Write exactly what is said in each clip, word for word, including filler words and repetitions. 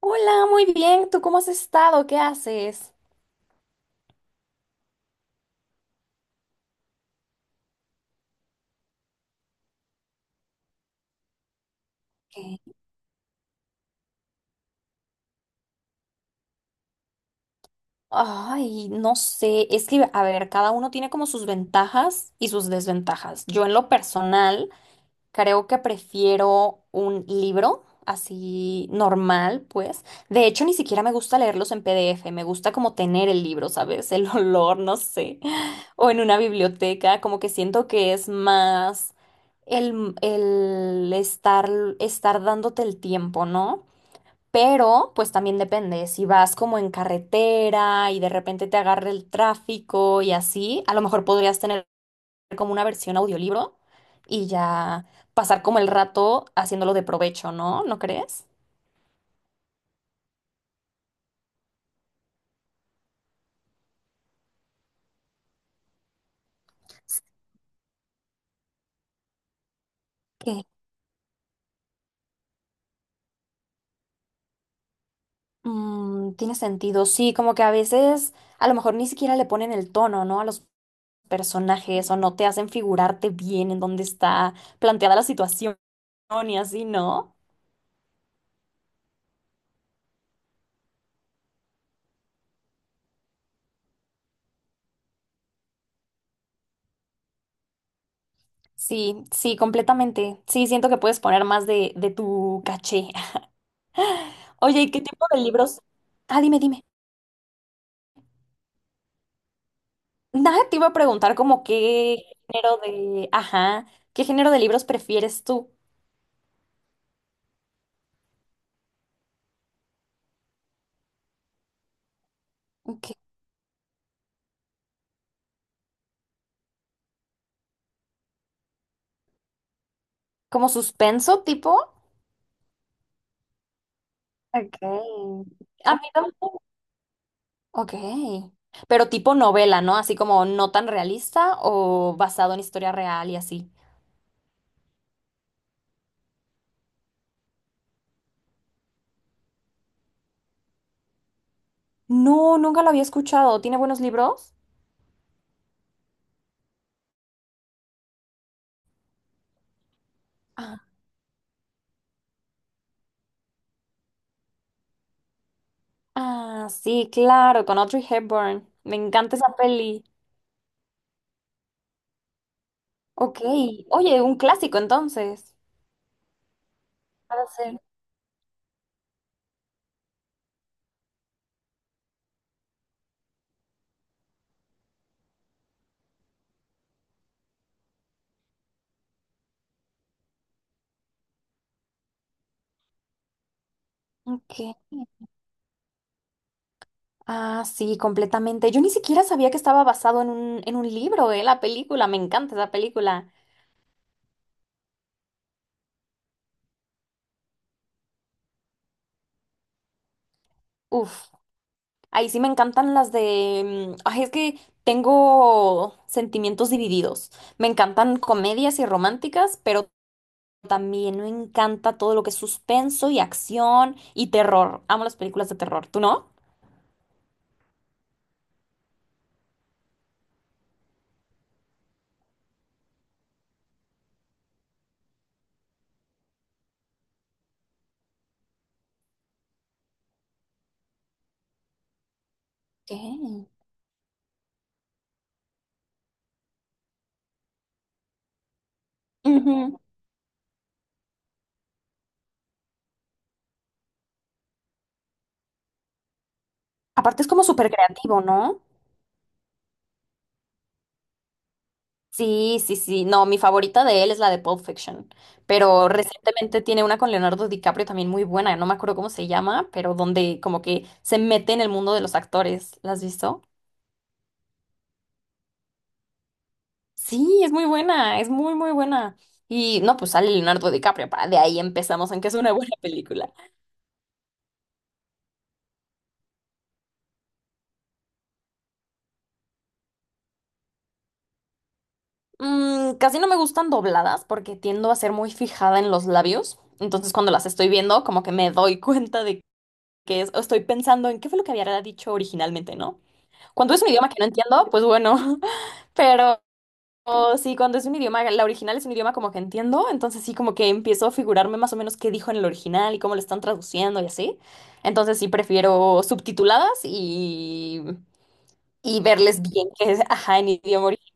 Hola, muy bien. ¿Tú cómo has estado? ¿Qué haces? Ok. Ay, no sé. Es que, a ver, cada uno tiene como sus ventajas y sus desventajas. Yo en lo personal creo que prefiero un libro así normal, pues. De hecho, ni siquiera me gusta leerlos en P D F. Me gusta como tener el libro, ¿sabes? El olor, no sé. O en una biblioteca, como que siento que es más el, el estar, estar dándote el tiempo, ¿no? Pero, pues también depende, si vas como en carretera y de repente te agarra el tráfico y así, a lo mejor podrías tener como una versión audiolibro y ya pasar como el rato haciéndolo de provecho, ¿no? ¿No crees? Que mm, Tiene sentido, sí, como que a veces a lo mejor ni siquiera le ponen el tono, ¿no? A los personajes o no te hacen figurarte bien en dónde está planteada la situación y así, ¿no? Sí, sí, completamente. Sí, siento que puedes poner más de, de tu caché. Oye, ¿y qué tipo de libros? Ah, dime, dime. Nada, te iba a preguntar como qué género de, ajá, ¿qué género de libros prefieres tú? ¿Qué- ¿Como suspenso tipo? Okay. A mí tampoco. Ok. Pero tipo novela, ¿no? Así como no tan realista o basado en historia real y así. No, nunca lo había escuchado. ¿Tiene buenos libros? Ah, sí, claro, con Audrey Hepburn. Me encanta esa peli. Ok. Oye, un clásico entonces. Va a ser. Ok. Ah, sí, completamente. Yo ni siquiera sabía que estaba basado en un, en un libro, eh, la película. Me encanta esa película. Uf, ahí sí me encantan las de... mm, Ay, es que tengo sentimientos divididos. Me encantan comedias y románticas, pero también me encanta todo lo que es suspenso y acción y terror. Amo las películas de terror. ¿Tú no? Ok. Ujú. Aparte es como súper creativo, ¿no? Sí, sí, sí. No, mi favorita de él es la de Pulp Fiction, pero recientemente tiene una con Leonardo DiCaprio también muy buena, no me acuerdo cómo se llama, pero donde como que se mete en el mundo de los actores. ¿La has visto? Sí, es muy buena, es muy, muy buena. Y no, pues sale Leonardo DiCaprio, para de ahí empezamos en que es una buena película. Mm, casi no me gustan dobladas porque tiendo a ser muy fijada en los labios. Entonces cuando las estoy viendo, como que me doy cuenta de que es, estoy pensando en qué fue lo que había dicho originalmente, ¿no? Cuando es un idioma que no entiendo, pues bueno, pero o sí, cuando es un idioma, la original es un idioma como que entiendo, entonces sí como que empiezo a figurarme más o menos qué dijo en el original y cómo lo están traduciendo y así. Entonces sí prefiero subtituladas y, y verles bien que es, ajá, en idioma original.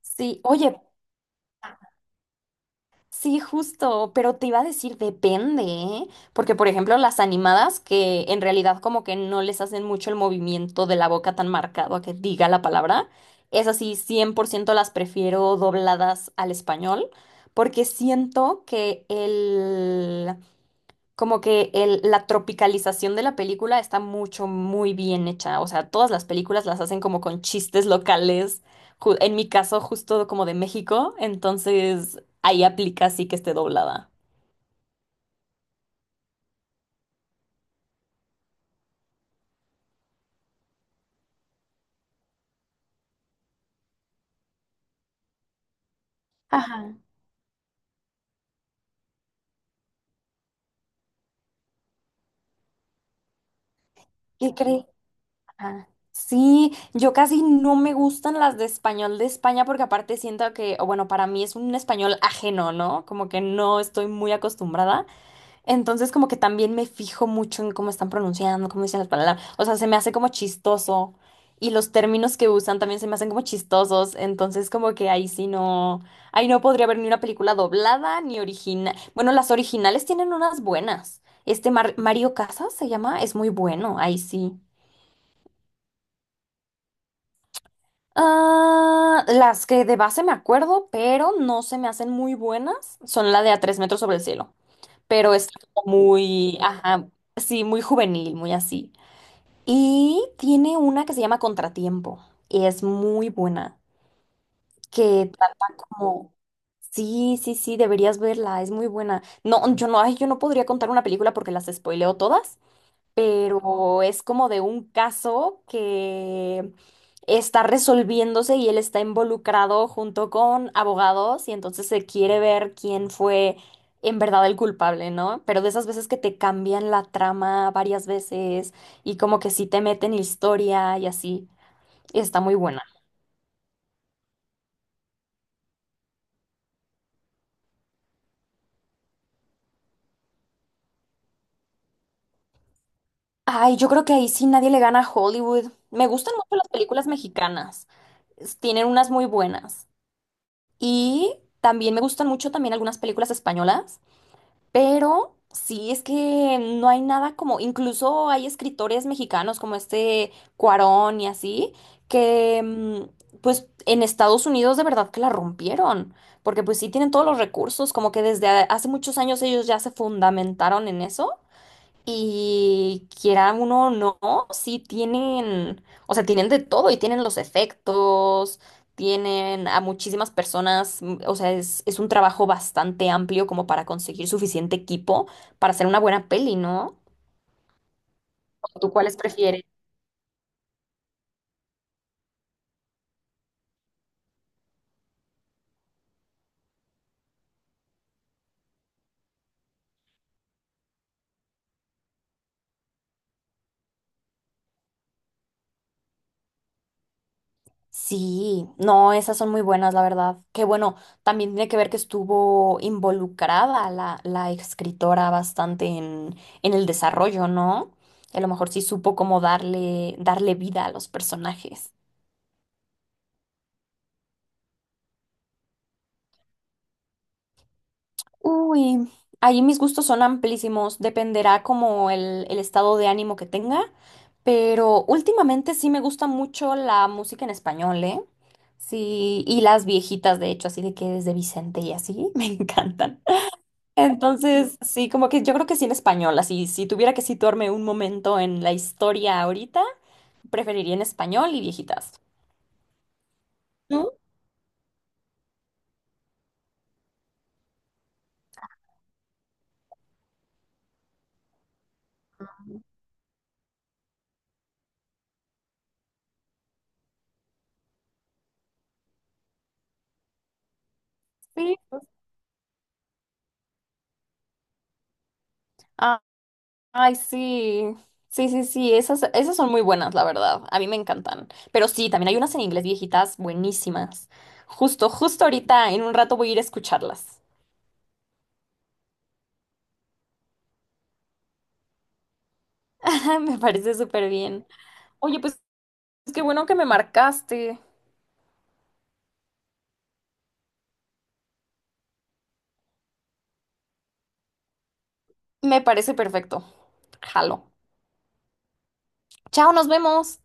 Sí, oye, sí, justo, pero te iba a decir depende, ¿eh? Porque por ejemplo las animadas que en realidad como que no les hacen mucho el movimiento de la boca tan marcado a que diga la palabra, es así, cien por ciento las prefiero dobladas al español, porque siento que el, como que el- la tropicalización de la película está mucho, muy bien hecha. O sea, todas las películas las hacen como con chistes locales. ju- En mi caso, justo como de México, entonces ahí aplica sí que esté doblada. Ajá. ¿Qué crees? Ajá. Sí, yo casi no me gustan las de español de España porque aparte siento que, o bueno, para mí es un español ajeno, ¿no? Como que no estoy muy acostumbrada. Entonces como que también me fijo mucho en cómo están pronunciando, cómo dicen las palabras. O sea, se me hace como chistoso. Y los términos que usan también se me hacen como chistosos. Entonces como que ahí sí no. Ahí no podría haber ni una película doblada ni original. Bueno, las originales tienen unas buenas. Este Mar- Mario Casas se llama, es muy bueno, ahí sí. Ah, las que de base me acuerdo, pero no se me hacen muy buenas, son la de A tres metros sobre el cielo. Pero es como muy, ajá, sí, muy juvenil, muy así. Y tiene una que se llama Contratiempo. Y es muy buena. Que trata como. Sí, sí, sí, deberías verla. Es muy buena. No, yo no, ay, yo no podría contar una película porque las spoileo todas, pero es como de un caso que está resolviéndose y él está involucrado junto con abogados y entonces se quiere ver quién fue en verdad el culpable, ¿no? Pero de esas veces que te cambian la trama varias veces y como que sí te meten historia y así, está muy buena. Ay, yo creo que ahí sí nadie le gana a Hollywood. Me gustan mucho las películas mexicanas. s- Tienen unas muy buenas. Y también me gustan mucho también algunas películas españolas. Pero sí, es que no hay nada como, incluso hay escritores mexicanos como este Cuarón y así, que mm, pues en Estados Unidos de verdad que la rompieron, porque pues sí tienen todos los recursos, como que desde a- hace muchos años ellos ya se fundamentaron en eso y quiera uno o no, sí tienen, o sea, tienen de todo y tienen los efectos, tienen a muchísimas personas, mm, o sea, es, es un trabajo bastante amplio como para conseguir suficiente equipo para hacer una buena peli, ¿no? ¿Tú cuáles prefieres? Sí, no, esas son muy buenas, la verdad. Que bueno, también tiene que ver que estuvo involucrada la, la escritora bastante en, en el desarrollo, ¿no? A lo mejor sí supo cómo darle, darle vida a los personajes. Uy, ahí mis gustos son amplísimos, dependerá como el, el estado de ánimo que tenga, pero últimamente sí me gusta mucho la música en español, ¿eh? Sí, y las viejitas, de hecho, así de que desde Vicente y así, me encantan. Entonces, sí, como que yo creo que sí en español, así, si tuviera que situarme un momento en la historia ahorita, preferiría en español y viejitas. ¿Tú? Sí. Ah, ay, sí. Sí, sí, sí, esas, esas son muy buenas, la verdad. A mí me encantan. Pero sí, también hay unas en inglés viejitas buenísimas. Justo, justo ahorita, en un rato voy a ir a escucharlas. Me parece súper bien. Oye, pues qué bueno que me marcaste. Me parece perfecto. Jalo. Chao, nos vemos.